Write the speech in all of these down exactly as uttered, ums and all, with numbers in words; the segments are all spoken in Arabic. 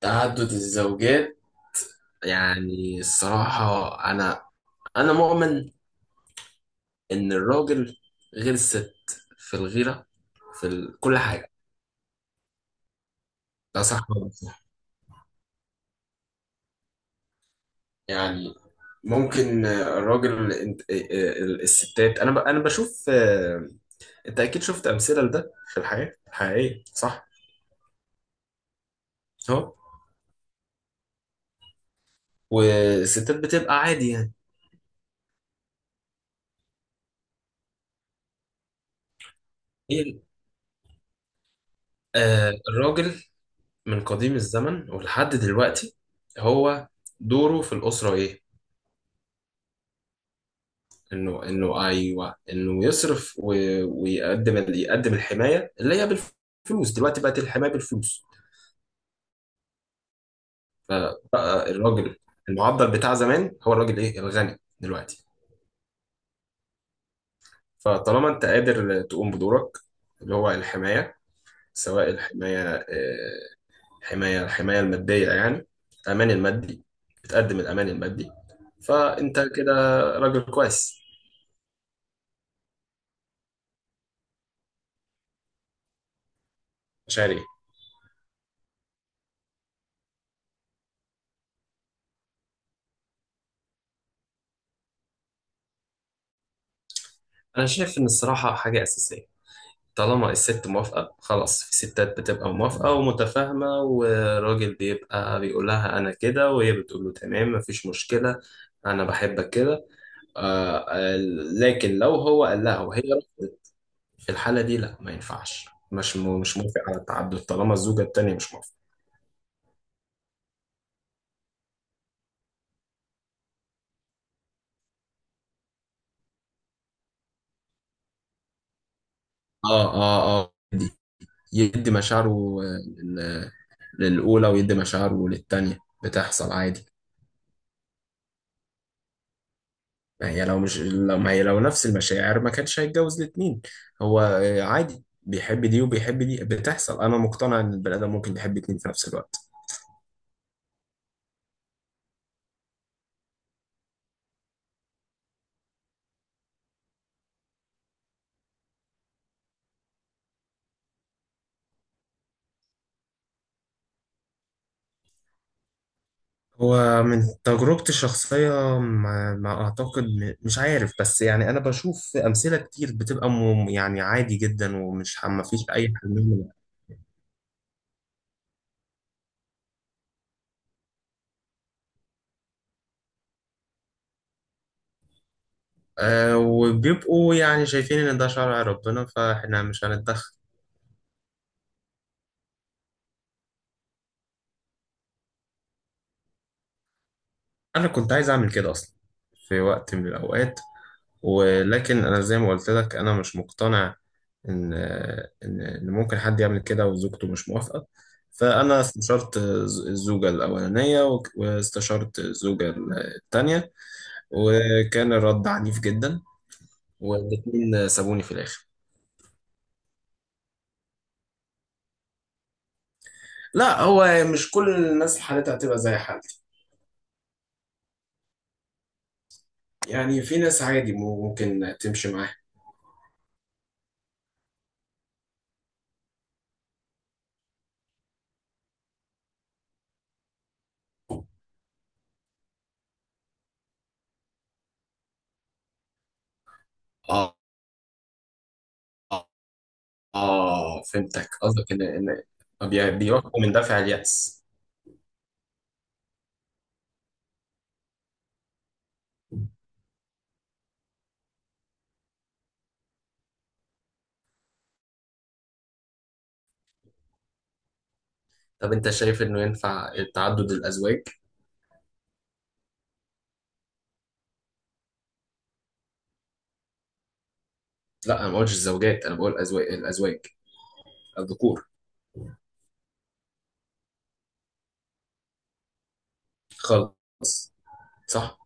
تعدد الزوجات. يعني الصراحة، أنا أنا مؤمن إن الراجل غير الست، في الغيرة، في ال... كل حاجة. ده صح ولا مش صح؟ يعني ممكن الراجل انت... ال- الستات، أنا ب... أنا بشوف آه، أنت أكيد شفت أمثلة لده في الحياة الحقيقية، صح؟ أهو. والستات بتبقى عادي يعني. هي- آه، الراجل من قديم الزمن ولحد دلوقتي، هو دوره في الأسرة إيه؟ انه انه ايوه، انه يصرف و... ويقدم ال... يقدم الحمايه اللي هي بالفلوس. دلوقتي بقت الحمايه بالفلوس، فبقى الراجل المعضل بتاع زمان هو الراجل ايه الغني دلوقتي. فطالما انت قادر تقوم بدورك اللي هو الحمايه، سواء الحمايه آه، حمايه الحمايه الماديه يعني، الامان المادي، بتقدم الامان المادي، فانت كده راجل كويس. مش عارف. انا شايف ان الصراحه حاجه اساسيه. طالما الست موافقة خلاص، في ستات بتبقى موافقة ومتفاهمة، والراجل بيبقى بيقول لها أنا كده، وهي بتقول له تمام مفيش مشكلة، أنا بحبك كده. آه آه، لكن لو هو قال لها وهي رفضت، في الحالة دي لا، ما ينفعش، مش م- مش موافق على التعدد طالما الزوجة التانية مش موافقة. اه اه اه، يدي يدي مشاعره، آه، لل- للأولى ويدي مشاعره للتانية، بتحصل عادي. ما هي لو مش لو ما هي لو نفس المشاعر ما كانش هيتجوز الاتنين. هو آه، عادي، بيحب دي وبيحب دي، بتحصل. انا مقتنع ان البني ادم ممكن يحب اتنين في نفس الوقت. هو من تجربتي الشخصية، ما, ما أعتقد، م- مش عارف، بس يعني أنا بشوف أمثلة كتير بتبقى م- يعني عادي جدا، ومش ما فيش أي حل منه. أه، وبيبقوا يعني شايفين إن ده شرع ربنا فإحنا مش هنتدخل. انا كنت عايز اعمل كده اصلا في وقت من الاوقات، ولكن انا زي ما قلت لك انا مش مقتنع ان ان إن ممكن حد يعمل كده وزوجته مش موافقة. فانا استشرت ز- الزوجة الاولانية وك- واستشرت الزوجة التانية، وكان الرد عنيف جدا، والاتنين سابوني في الاخر. لا، هو مش كل الناس حالتها هتبقى زي حالتي، يعني في ناس عادي ممكن تمشي معاها. اه اه، فهمتك، قصدك ان ان بي- بيحكم من دافع اليأس. طب انت شايف انه ينفع تعدد الازواج؟ لا، انا ما قلتش الزوجات، انا بقول ازواج، الازواج الذكور خالص. صح.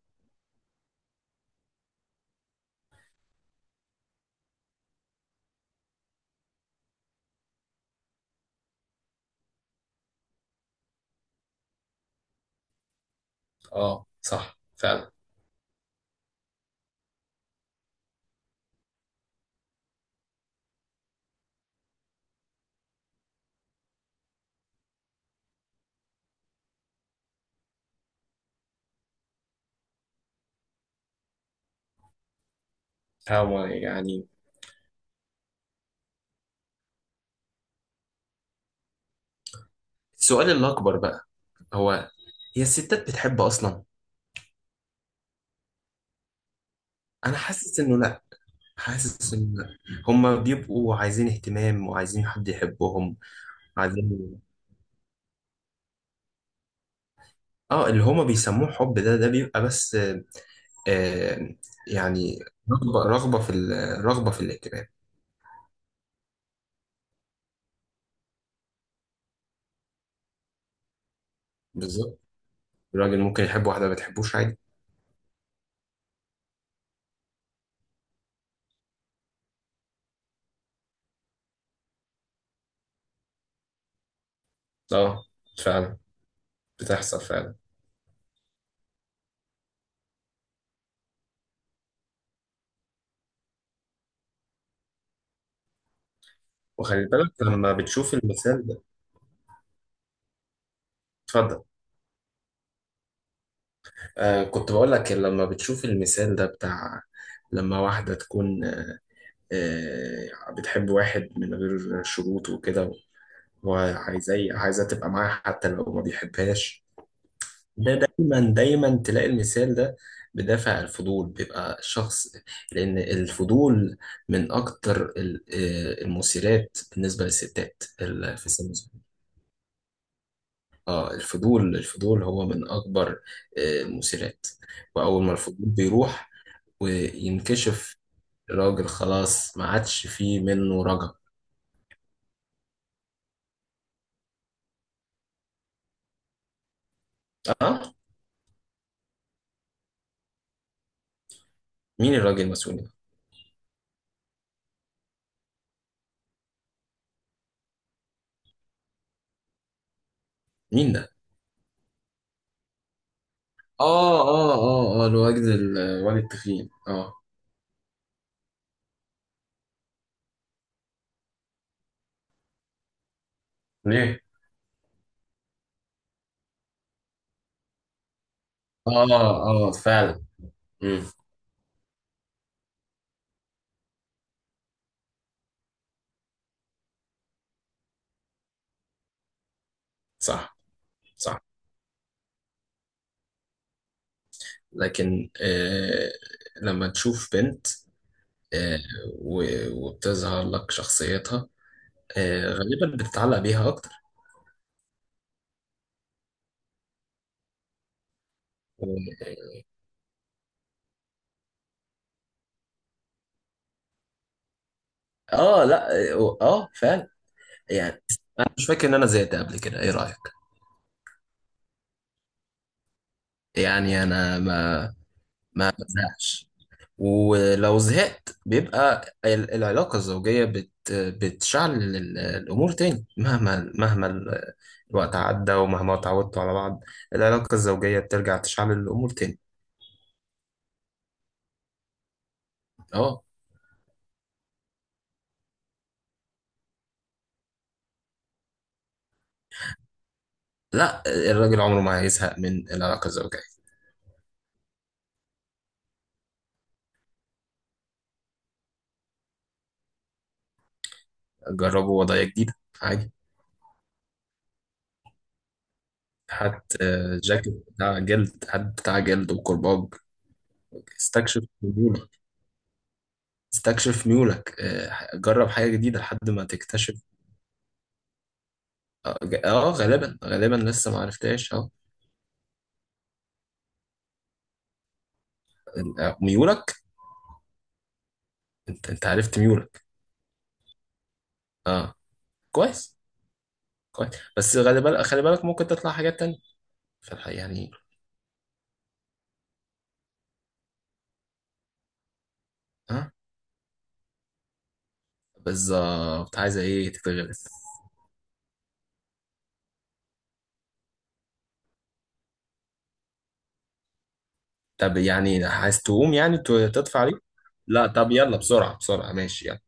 اه صح فعلا. هو يعني السؤال الاكبر بقى، هو هي الستات بتحب اصلا؟ انا حاسس انه لا، حاسس انه لا. هما بيبقوا عايزين اهتمام وعايزين حد يحبهم. عايزين. اه، اللي هما بيسموه حب ده، ده بيبقى بس آه، يعني رغبة رغبة في ال- رغبة في الاهتمام. بالظبط. الراجل ممكن يحب واحدة ما بتحبوش عادي. اه فعلا، بتحصل فعلا. وخلي بالك لما بتشوف المثال ده. اتفضل. آه كنت بقول لك لما بتشوف المثال ده بتاع لما واحدة تكون آه بتحب واحد من غير شروط وكده، وعايزاه عايزاه تبقى معاه حتى لو ما بيحبهاش. ده دايما دايما تلاقي المثال ده. بدافع الفضول بيبقى الشخص، لأن الفضول من أكتر ال- آه، المثيرات بالنسبة للستات ال- في سن صغير. اه، الفضول الفضول هو من أكبر آه، المثيرات. وأول ما الفضول بيروح وينكشف، الراجل خلاص ما عادش فيه منه رجا. اه. مين الراجل المسؤول ده؟ مين ده؟ اه اه اه اه، الواد ال- الواد التخين اه. ليه؟ اه اه فعلا. مم. صح. صح، لكن آه لما تشوف بنت، آه و- وبتظهر لك شخصيتها، آه غالبا بتتعلق بيها اكتر. و- اه لا اه، آه، فعلا. يعني انا مش فاكر ان انا زهقت قبل كده، ايه رايك؟ يعني انا ما ما بزهقش، ولو زهقت بيبقى ال- العلاقه الزوجيه بت بتشعل ال- الامور تاني، مهما مهما ال- الوقت عدى، ومهما اتعودتوا على بعض. العلاقه الزوجيه بترجع تشعل الامور تاني. اه لا، الراجل عمره ما هيزهق من العلاقة الزوجية. جربوا وضعية جديدة عادي. هات آه، جاكيت بتاع جلد، هات بتاع جلد وكرباج. استكشف ميولك. استكشف ميولك. آه، جرب حاجة جديدة لحد ما تكتشف. اه ج- آه، غالبا غالبا لسه ما عرفتهاش اه. آه، ميولك. انت انت عرفت ميولك. اه. كويس كويس. بس خلي بالك، خلي بالك، ممكن تطلع حاجات تانية في الحقيقة يعني. اه بالظبط، عايزة ايه تتغلب؟ طب يعني عايز تقوم يعني ت- تطفي عليك؟ لا طب يلا، بسرعة بسرعة، ماشي، يلا.